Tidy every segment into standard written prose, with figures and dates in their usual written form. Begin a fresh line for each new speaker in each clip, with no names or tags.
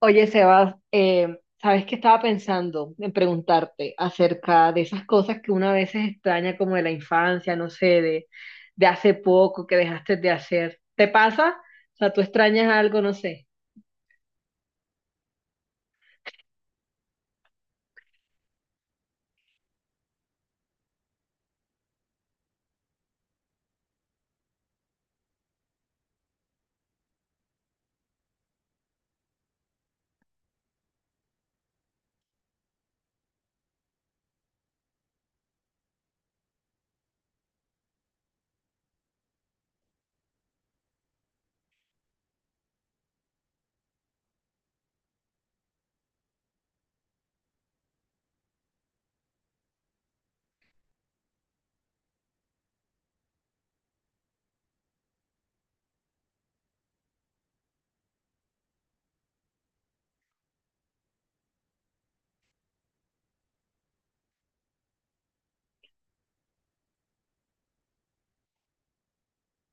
Oye, Sebas, ¿sabes qué? Estaba pensando en preguntarte acerca de esas cosas que una vez veces extraña, como de la infancia, no sé, de hace poco que dejaste de hacer. ¿Te pasa? O sea, ¿tú extrañas algo? No sé.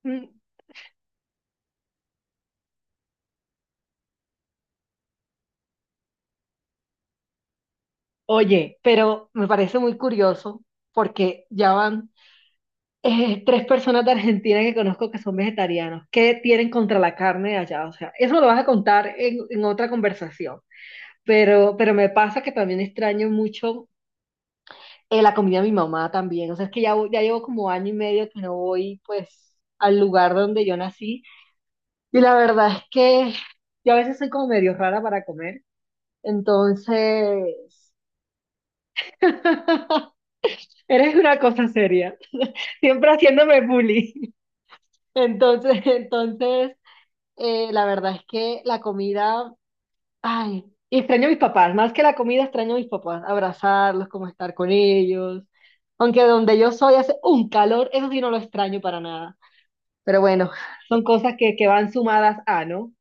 Mm. Oye, pero me parece muy curioso porque ya van 3 personas de Argentina que conozco que son vegetarianos. ¿Qué tienen contra la carne de allá? O sea, eso lo vas a contar en otra conversación. Pero me pasa que también extraño mucho la comida de mi mamá también. O sea, es que ya, ya llevo como año y medio que no voy, pues, al lugar donde yo nací. Y la verdad es que yo a veces soy como medio rara para comer. Entonces, eres una cosa seria. Siempre haciéndome bullying. Entonces, entonces, la verdad es que la comida... Ay, y extraño a mis papás. Más que la comida, extraño a mis papás, abrazarlos, como estar con ellos. Aunque donde yo soy hace un calor, eso sí no lo extraño para nada. Pero bueno, son cosas que van sumadas a, ¿no?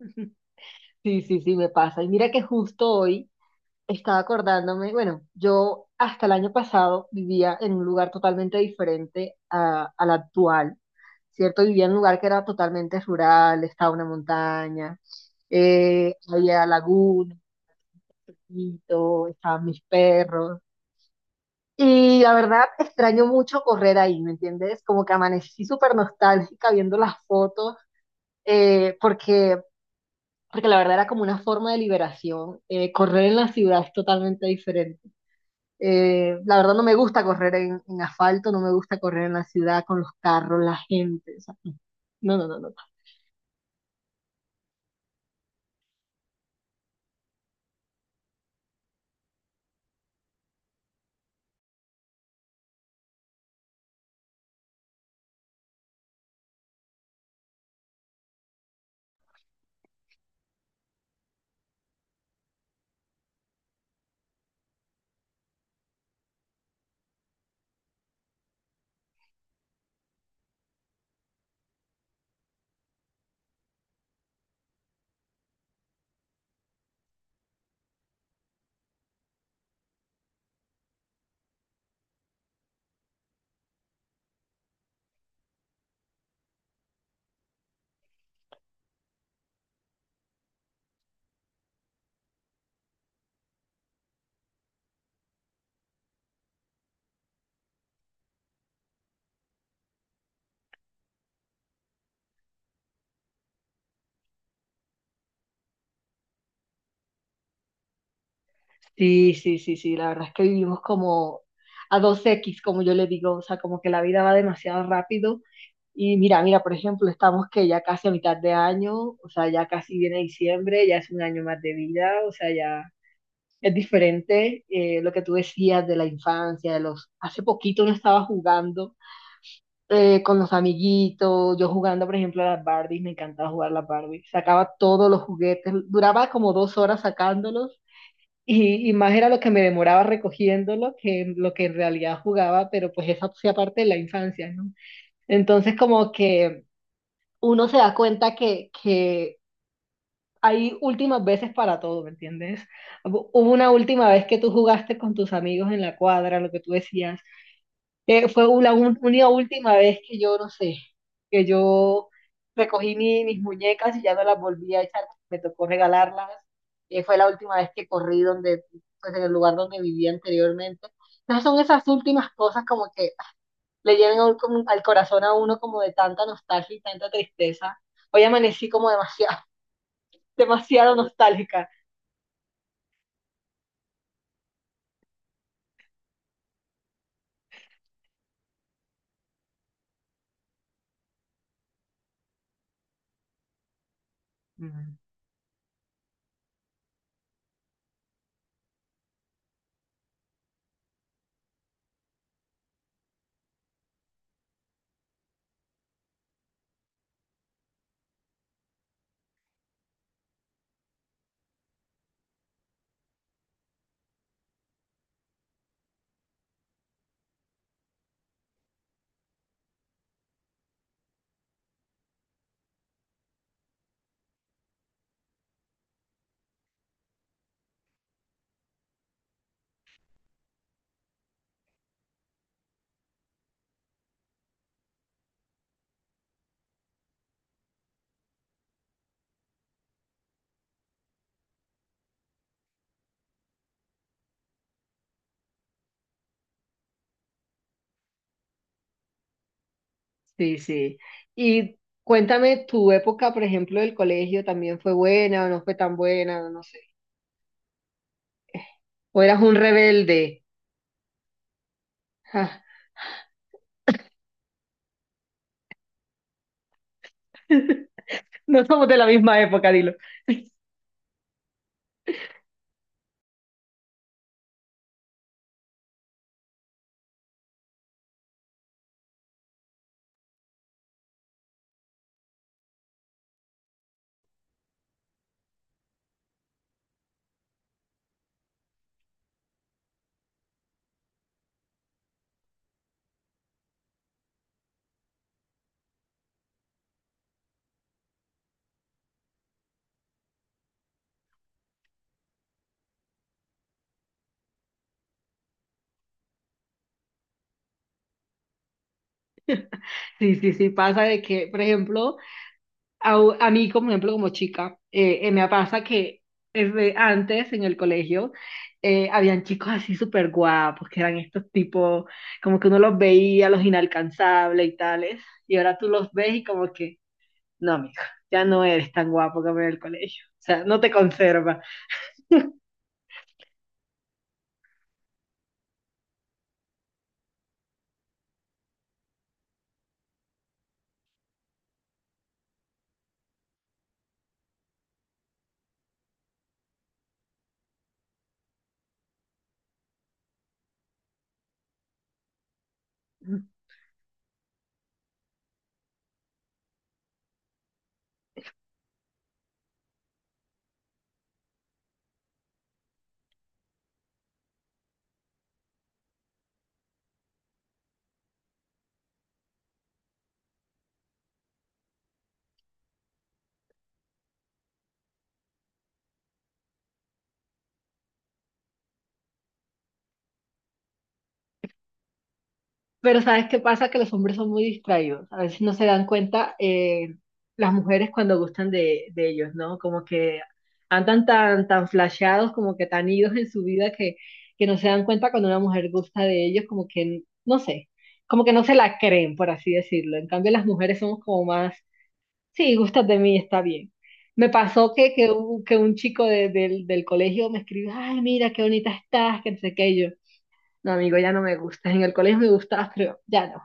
Sí, sí, sí, me pasa. Y mira que justo hoy estaba acordándome. Bueno, yo hasta el año pasado vivía en un lugar totalmente diferente a, al actual, ¿cierto? Vivía en un lugar que era totalmente rural, estaba una montaña, había lagunas, perrito, estaban mis perros. Y la verdad, extraño mucho correr ahí, ¿me entiendes? Como que amanecí súper nostálgica viendo las fotos, eh, porque, porque la verdad era como una forma de liberación. Correr en la ciudad es totalmente diferente. La verdad no me gusta correr en asfalto, no me gusta correr en la ciudad con los carros, la gente. O sea, no, no, no, no. Sí, sí, sí, sí, la verdad es que vivimos como a 2x, como yo le digo. O sea, como que la vida va demasiado rápido. Y mira, mira, por ejemplo, estamos que ya casi a mitad de año. O sea, ya casi viene diciembre, ya es un año más de vida. O sea, ya es diferente lo que tú decías de la infancia, de los... Hace poquito no estaba jugando con los amiguitos, yo jugando, por ejemplo, a las Barbies. Me encantaba jugar a las Barbies, sacaba todos los juguetes, duraba como 2 horas sacándolos y más era lo que me demoraba recogiéndolo que lo que en realidad jugaba. Pero pues esa hacía parte de la infancia, ¿no? Entonces, como que uno se da cuenta que hay últimas veces para todo, ¿me entiendes? Hubo una última vez que tú jugaste con tus amigos en la cuadra, lo que tú decías. Fue única última vez que yo, no sé, que yo recogí mis muñecas y ya no las volví a echar, me tocó regalarlas. Fue la última vez que corrí donde, pues, en el lugar donde vivía anteriormente. Entonces son esas últimas cosas como que ah, le llegan a como al corazón a uno, como de tanta nostalgia y tanta tristeza. Hoy amanecí como demasiado, demasiado nostálgica. Mm. Sí, sí. Y cuéntame, tu época, por ejemplo, del colegio, ¿también fue buena o no fue tan buena? No sé. ¿O eras un rebelde? Ja. No somos de la misma época, dilo. Sí, sí, sí, pasa de que, por ejemplo, a, a mí, como ejemplo, como chica, me pasa que es de antes en el colegio. Habían chicos así súper guapos, que eran estos tipos, como que uno los veía, los inalcanzables y tales, y ahora tú los ves y como que no, amigo, ya no eres tan guapo como en el colegio. O sea, no te conserva. Pero ¿sabes qué pasa? Que los hombres son muy distraídos. A veces no se dan cuenta las mujeres cuando gustan de ellos, ¿no? Como que andan tan flasheados, como que tan idos en su vida, que no se dan cuenta cuando una mujer gusta de ellos. Como que, no sé, como que no se la creen, por así decirlo. En cambio, las mujeres somos como más, sí, gustas de mí, está bien. Me pasó que un chico del colegio me escribió: ay, mira, qué bonita estás, que no sé qué, y yo: no, amigo, ya no me gustas. En el colegio me gustabas, pero ya no.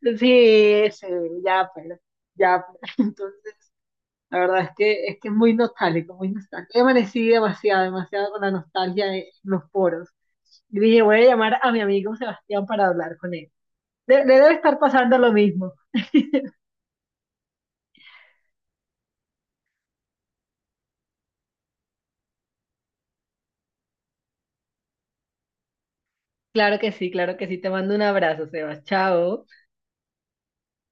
Sí, sí, ya, pues, ya, pues. Entonces, la verdad es que es muy nostálgico, muy nostálgico. Yo amanecí demasiado, demasiado con la nostalgia en los poros. Y dije, voy a llamar a mi amigo Sebastián para hablar con él. Le debe estar pasando lo mismo. Claro que sí, claro que sí. Te mando un abrazo, Sebas. Chao.